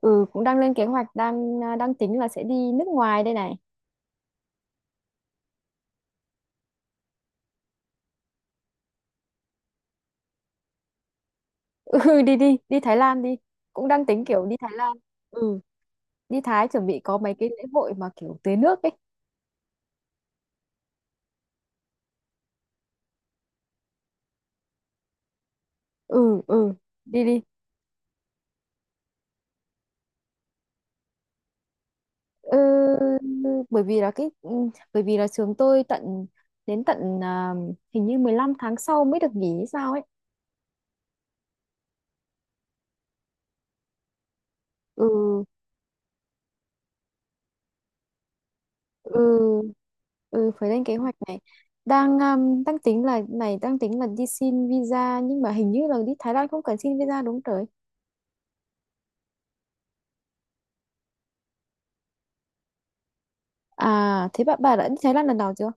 Ừ Cũng đang lên kế hoạch đang tính là sẽ đi nước ngoài đây này. Ừ Đi đi đi Thái Lan đi, cũng đang tính kiểu đi Thái Lan. ừ Đi Thái chuẩn bị có mấy cái lễ hội mà kiểu tưới nước ấy. ừ ừ Đi đi. ừ, bởi vì là cái ừ, Bởi vì là trường tôi tận, hình như 15 tháng sau mới được nghỉ hay sao ấy. ừ ừ ừ, phải lên kế hoạch này. Đang đang tính là này đang tính là đi xin visa, nhưng mà hình như là đi Thái Lan không cần xin visa, đúng rồi. À, thế bạn bà đã đi Thái Lan lần nào chưa?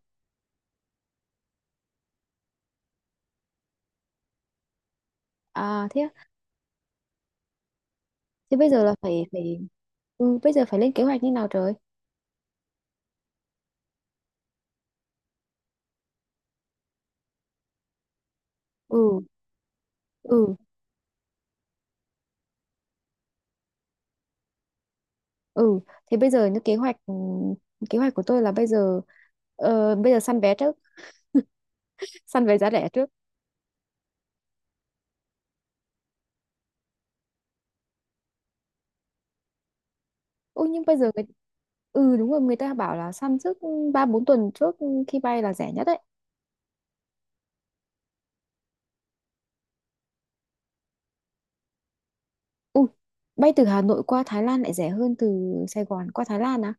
À thế á. Thế bây giờ là phải phải bây giờ phải lên kế hoạch như nào trời? Ừ ừ ừ Thế bây giờ như kế hoạch ừ, kế hoạch của tôi là bây giờ, bây giờ săn vé trước, săn vé giá rẻ trước. Ôi nhưng bây giờ người... Ừ, đúng rồi, người ta bảo là săn trước 3 4 tuần trước khi bay là rẻ nhất đấy. Ui, bay từ Hà Nội qua Thái Lan lại rẻ hơn từ Sài Gòn qua Thái Lan à?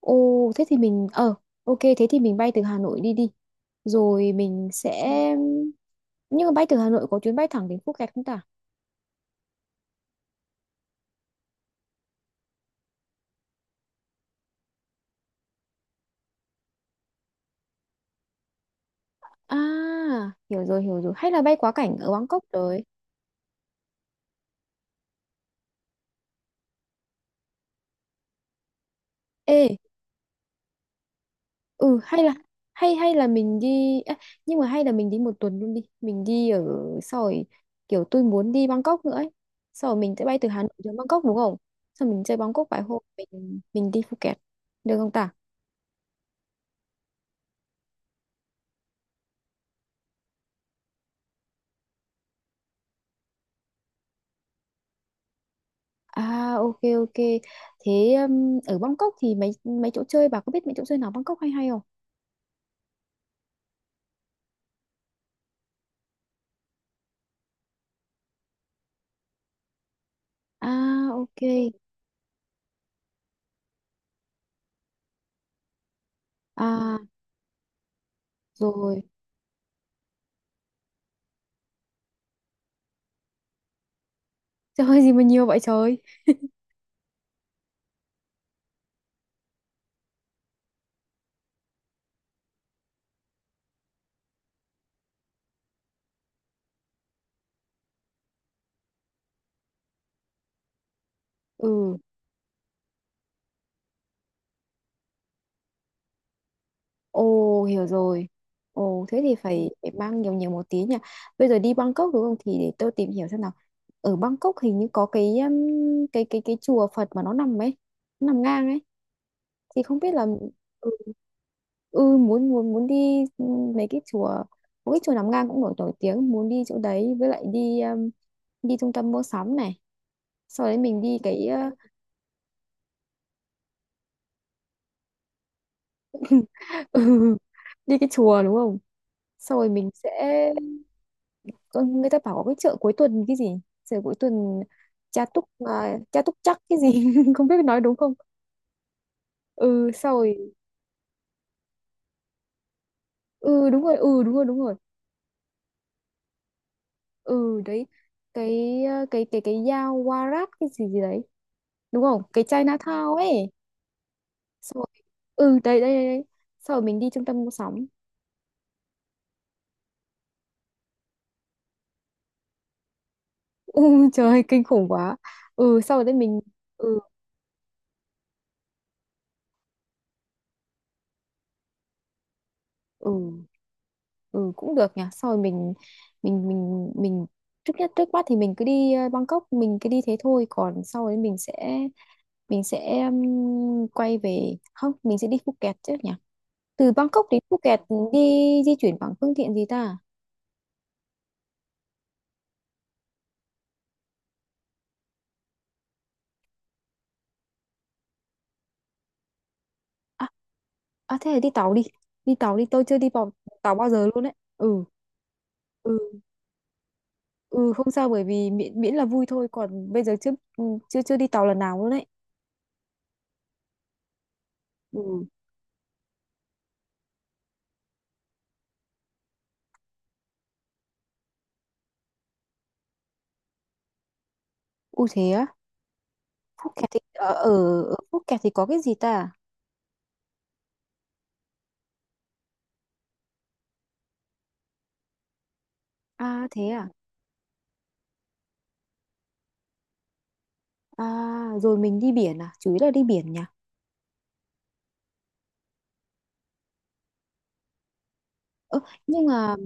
Ồ, thế thì mình ok, thế thì mình bay từ Hà Nội đi đi. Rồi mình sẽ, nhưng mà bay từ Hà Nội có chuyến bay thẳng đến Phuket không ta? À, hiểu rồi hiểu rồi. Hay là bay quá cảnh ở Bangkok rồi. Ê, ừ hay là, hay hay là mình đi à, nhưng mà hay là mình đi 1 tuần luôn đi. Mình đi ở sau rồi, kiểu tôi muốn đi Bangkok nữa ấy. Sau rồi mình sẽ bay từ Hà Nội đến Bangkok, đúng không? Sau mình chơi Bangkok vài hôm mình đi Phuket. Được không ta? À ok ok. Thế ở Bangkok thì mấy mấy chỗ chơi, bà có biết mấy chỗ chơi nào Bangkok hay hay không? À ok. À rồi. Trời ơi, gì mà nhiều vậy trời. Ừ. Ồ hiểu rồi. Ồ thế thì phải, phải mang nhiều nhiều một tí nhỉ? Bây giờ đi Bangkok đúng không, thì để tôi tìm hiểu xem nào. Ở Bangkok hình như có cái cái chùa Phật mà nó nằm ấy, nó nằm ngang ấy. Thì không biết là ừ, ừ, muốn muốn muốn đi, mấy cái chùa, mỗi cái chùa Nam Ngang cũng nổi nổi tiếng, muốn đi chỗ đấy, với lại đi đi trung tâm mua sắm này, sau đấy mình đi cái ừ, đi cái chùa đúng không, sau rồi mình sẽ người ta bảo có cái chợ cuối tuần cái gì, chợ cuối tuần Cha Túc à, Cha Túc chắc cái gì không biết nói đúng không. Ừ sau rồi, đúng rồi đúng rồi. Ừ đấy, cái cái dao Warat cái gì gì đấy, đúng không, cái Chinatown ấy. Xong rồi, ừ đây đây đây đây. Sau rồi mình đi trung tâm mua sắm. Ừ, trời ơi, kinh khủng quá. Ừ sau rồi đấy mình ừ ừ ừ, cũng được nhỉ, sau rồi mình trước nhất, trước mắt thì mình cứ đi Bangkok, mình cứ đi thế thôi, còn sau đấy mình sẽ quay về không, mình sẽ đi Phuket chứ nhỉ, từ Bangkok đến Phuket đi, di chuyển bằng phương tiện gì ta. À, à thế thì đi tàu đi. Đi tàu đi, tôi chưa đi tàu, tàu bao giờ luôn đấy. Ừ, ừ, ừ không sao, bởi vì miễn miễn là vui thôi, còn bây giờ chưa chưa chưa đi tàu lần nào luôn đấy. Ừ. U thế á, Phúc Kẹt thì ở ở ở Phúc Kẹt thì có cái gì ta? À thế à. À rồi, mình đi biển à, chủ yếu là đi biển nhỉ. Ơ nhưng mà,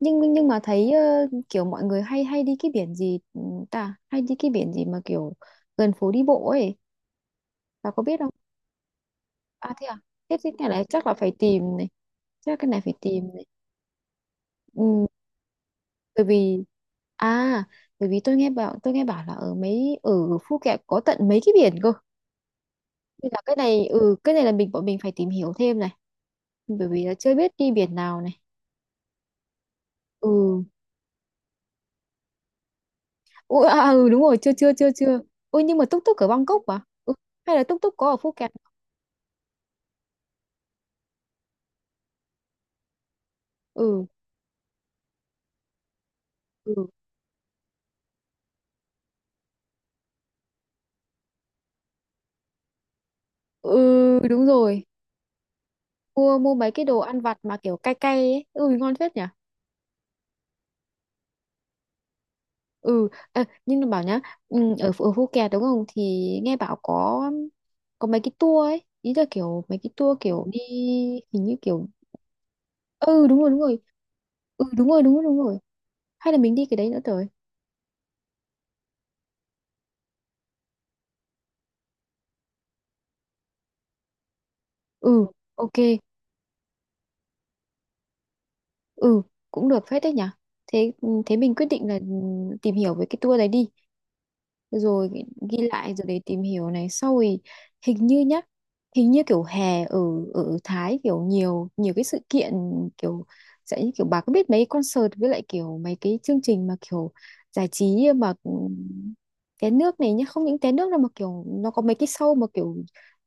nhưng mà thấy kiểu mọi người hay hay đi cái biển gì ta, hay đi cái biển gì mà kiểu gần phố đi bộ ấy, bà có biết không? À? Thế thế cái này chắc là phải tìm này, chắc cái này phải tìm này. Ừ, bởi vì à, bởi vì tôi nghe bảo là ở Phu Kẹt có tận mấy cái biển cơ. Nên là cái này, cái này là bọn mình phải tìm hiểu thêm này, bởi vì là chưa biết đi biển nào này. Ừ. Ủa, ừ đúng rồi, chưa chưa chưa chưa. Ôi nhưng mà túc túc ở Bangkok à? Ừ, hay là túc túc có ở Phu Kẹt? Ừ. Ừ. Ừ đúng rồi. Mua mua mấy cái đồ ăn vặt mà kiểu cay cay ấy. Ừ ngon phết nhỉ. Ừ Ê, nhưng nó bảo nhá, ở Phú Kẹt đúng không thì nghe bảo có mấy cái tour ấy, ý là kiểu mấy cái tour kiểu đi, hình như kiểu, ừ đúng rồi đúng rồi, ừ đúng rồi đúng rồi đúng rồi, hay là mình đi cái đấy nữa rồi. Ừ ok. Ừ cũng được phết đấy nhỉ. Thế thế mình quyết định là tìm hiểu về cái tour đấy đi, rồi ghi ghi lại, rồi để tìm hiểu này. Sau thì hình như nhá, hình như kiểu hè ở ở Thái kiểu nhiều nhiều cái sự kiện, kiểu sẽ kiểu, bà có biết mấy concert với lại kiểu mấy cái chương trình mà kiểu giải trí mà, té nước này nhá, không những té nước đâu mà kiểu nó có mấy cái show mà kiểu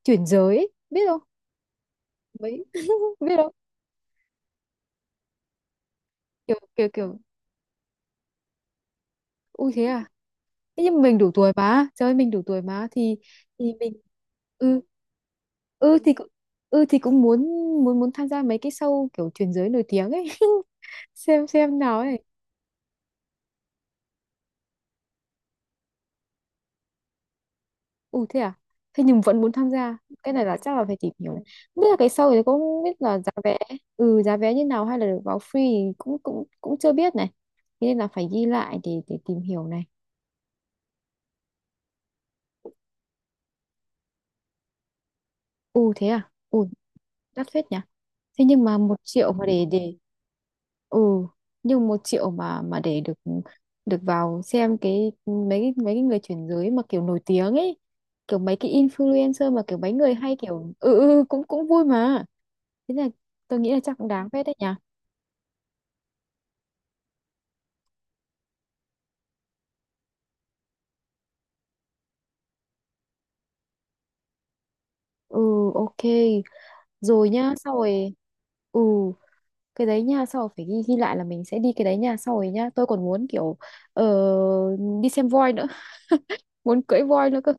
chuyển giới ấy, biết không, mấy, biết không, kiểu kiểu kiểu ui thế à. Thế nhưng mình đủ tuổi mà, trời ơi, mình đủ tuổi mà thì mình, ừ, ừ thì cũng, ừ thì cũng muốn, muốn tham gia mấy cái show kiểu truyền giới nổi tiếng ấy, xem nào ấy. Ừ thế à, thế nhưng vẫn muốn tham gia, cái này là chắc là phải tìm hiểu. Không biết là cái show thì cũng không biết là giá vé, ừ giá vé như nào, hay là được vào free thì cũng cũng cũng chưa biết này, thế nên là phải ghi lại để tìm hiểu này. Ừ thế à. Ừ đắt phết nhỉ. Thế nhưng mà 1 triệu mà để, ừ nhưng 1 triệu mà để được được vào xem cái mấy cái người chuyển giới mà kiểu nổi tiếng ấy, kiểu mấy cái influencer mà kiểu mấy người hay kiểu, cũng cũng vui mà. Thế là tôi nghĩ là chắc cũng đáng phết đấy nhỉ. Ừ ok rồi nhá. Sau rồi ừ, cái đấy nha, sau rồi phải ghi ghi lại là mình sẽ đi cái đấy nha. Sau rồi nhá, tôi còn muốn kiểu ờ, đi xem voi nữa, muốn cưỡi voi nữa cơ.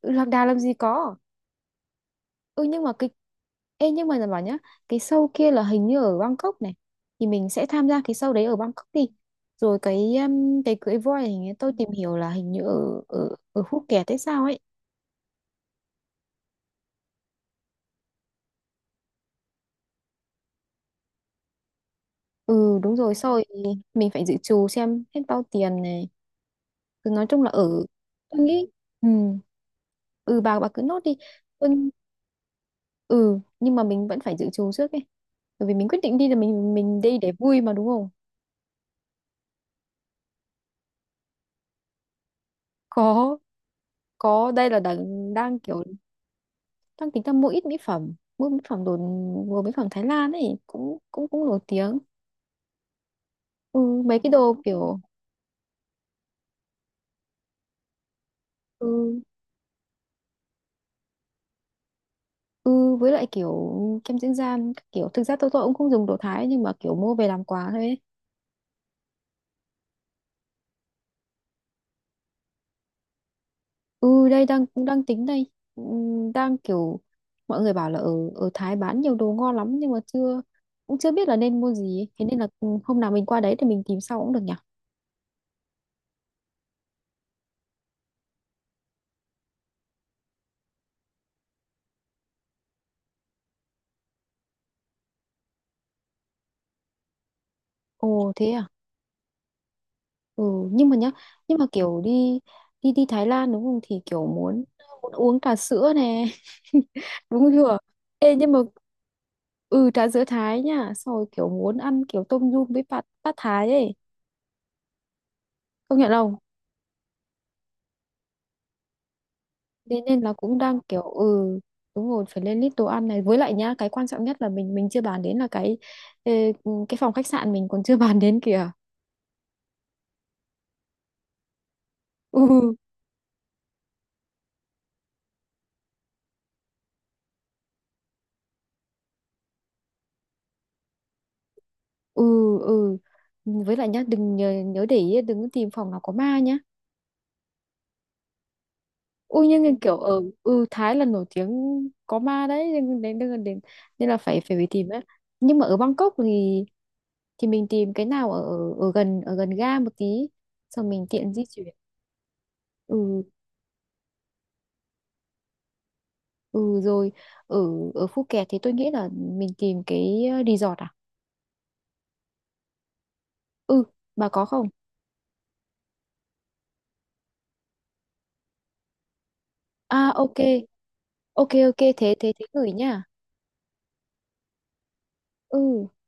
Ừ, lạc đà làm gì có. Ừ nhưng mà cái, ê nhưng mà là bảo nhá, cái show kia là hình như ở Bangkok này, thì mình sẽ tham gia cái show đấy ở Bangkok đi, rồi cái cưới voi hình như tôi tìm hiểu là hình như ở ở ở Phuket hay sao ấy. Ừ đúng rồi sau rồi, mình phải dự trù xem hết bao tiền này, cứ nói chung là ở, tôi nghĩ ừ, ừ bà cứ nốt đi, tôi ừ nhưng mà mình vẫn phải dự trù trước ấy, bởi vì mình quyết định đi là mình đi để vui mà đúng không. Có, có đây là đang đang kiểu đang tính ra mua ít mỹ phẩm, mua mỹ phẩm đồ, mua mỹ phẩm Thái Lan ấy cũng cũng cũng nổi tiếng. Ừ, mấy cái đồ kiểu, ừ, ừ, với lại kiểu kem dưỡng da các kiểu, thực ra tôi cũng không dùng đồ Thái, nhưng mà kiểu mua về làm quà thôi ấy. Ừ đây đang cũng đang tính đây. Ừ, đang kiểu mọi người bảo là ở ở Thái bán nhiều đồ ngon lắm, nhưng mà chưa, cũng chưa biết là nên mua gì ấy. Thế nên là ừ, hôm nào mình qua đấy thì mình tìm sau cũng được nhỉ. Ồ thế à. Ừ, nhưng mà nhá, nhưng mà kiểu đi, đi Thái Lan đúng không, thì kiểu muốn, uống trà sữa nè. Đúng chưa? Ê nhưng mà, ừ trà sữa Thái nha, xong rồi kiểu muốn ăn kiểu tôm nhum với bát bát Thái ấy. Công nhận không? Thế nên là cũng đang kiểu, ừ đúng rồi, phải lên list đồ ăn này, với lại nhá, cái quan trọng nhất là mình chưa bàn đến là cái ờ, cái phòng khách sạn mình còn chưa bàn đến kìa. ừ ừ ừ với lại nhá đừng nhớ, nhớ để ý đừng có tìm phòng nào có ma nhá. Ui nhưng mà kiểu Thái là nổi tiếng có ma đấy, nên đến, đến nên là phải phải phải tìm á. Nhưng mà ở Bangkok thì mình tìm cái nào ở ở gần ga một tí, xong mình tiện di chuyển. ừ ừ Rồi, ở, ở Phuket thì tôi nghĩ là mình tìm cái resort à. Ừ bà có không. À ok ok ok, thế thế thế gửi nha. Ừ.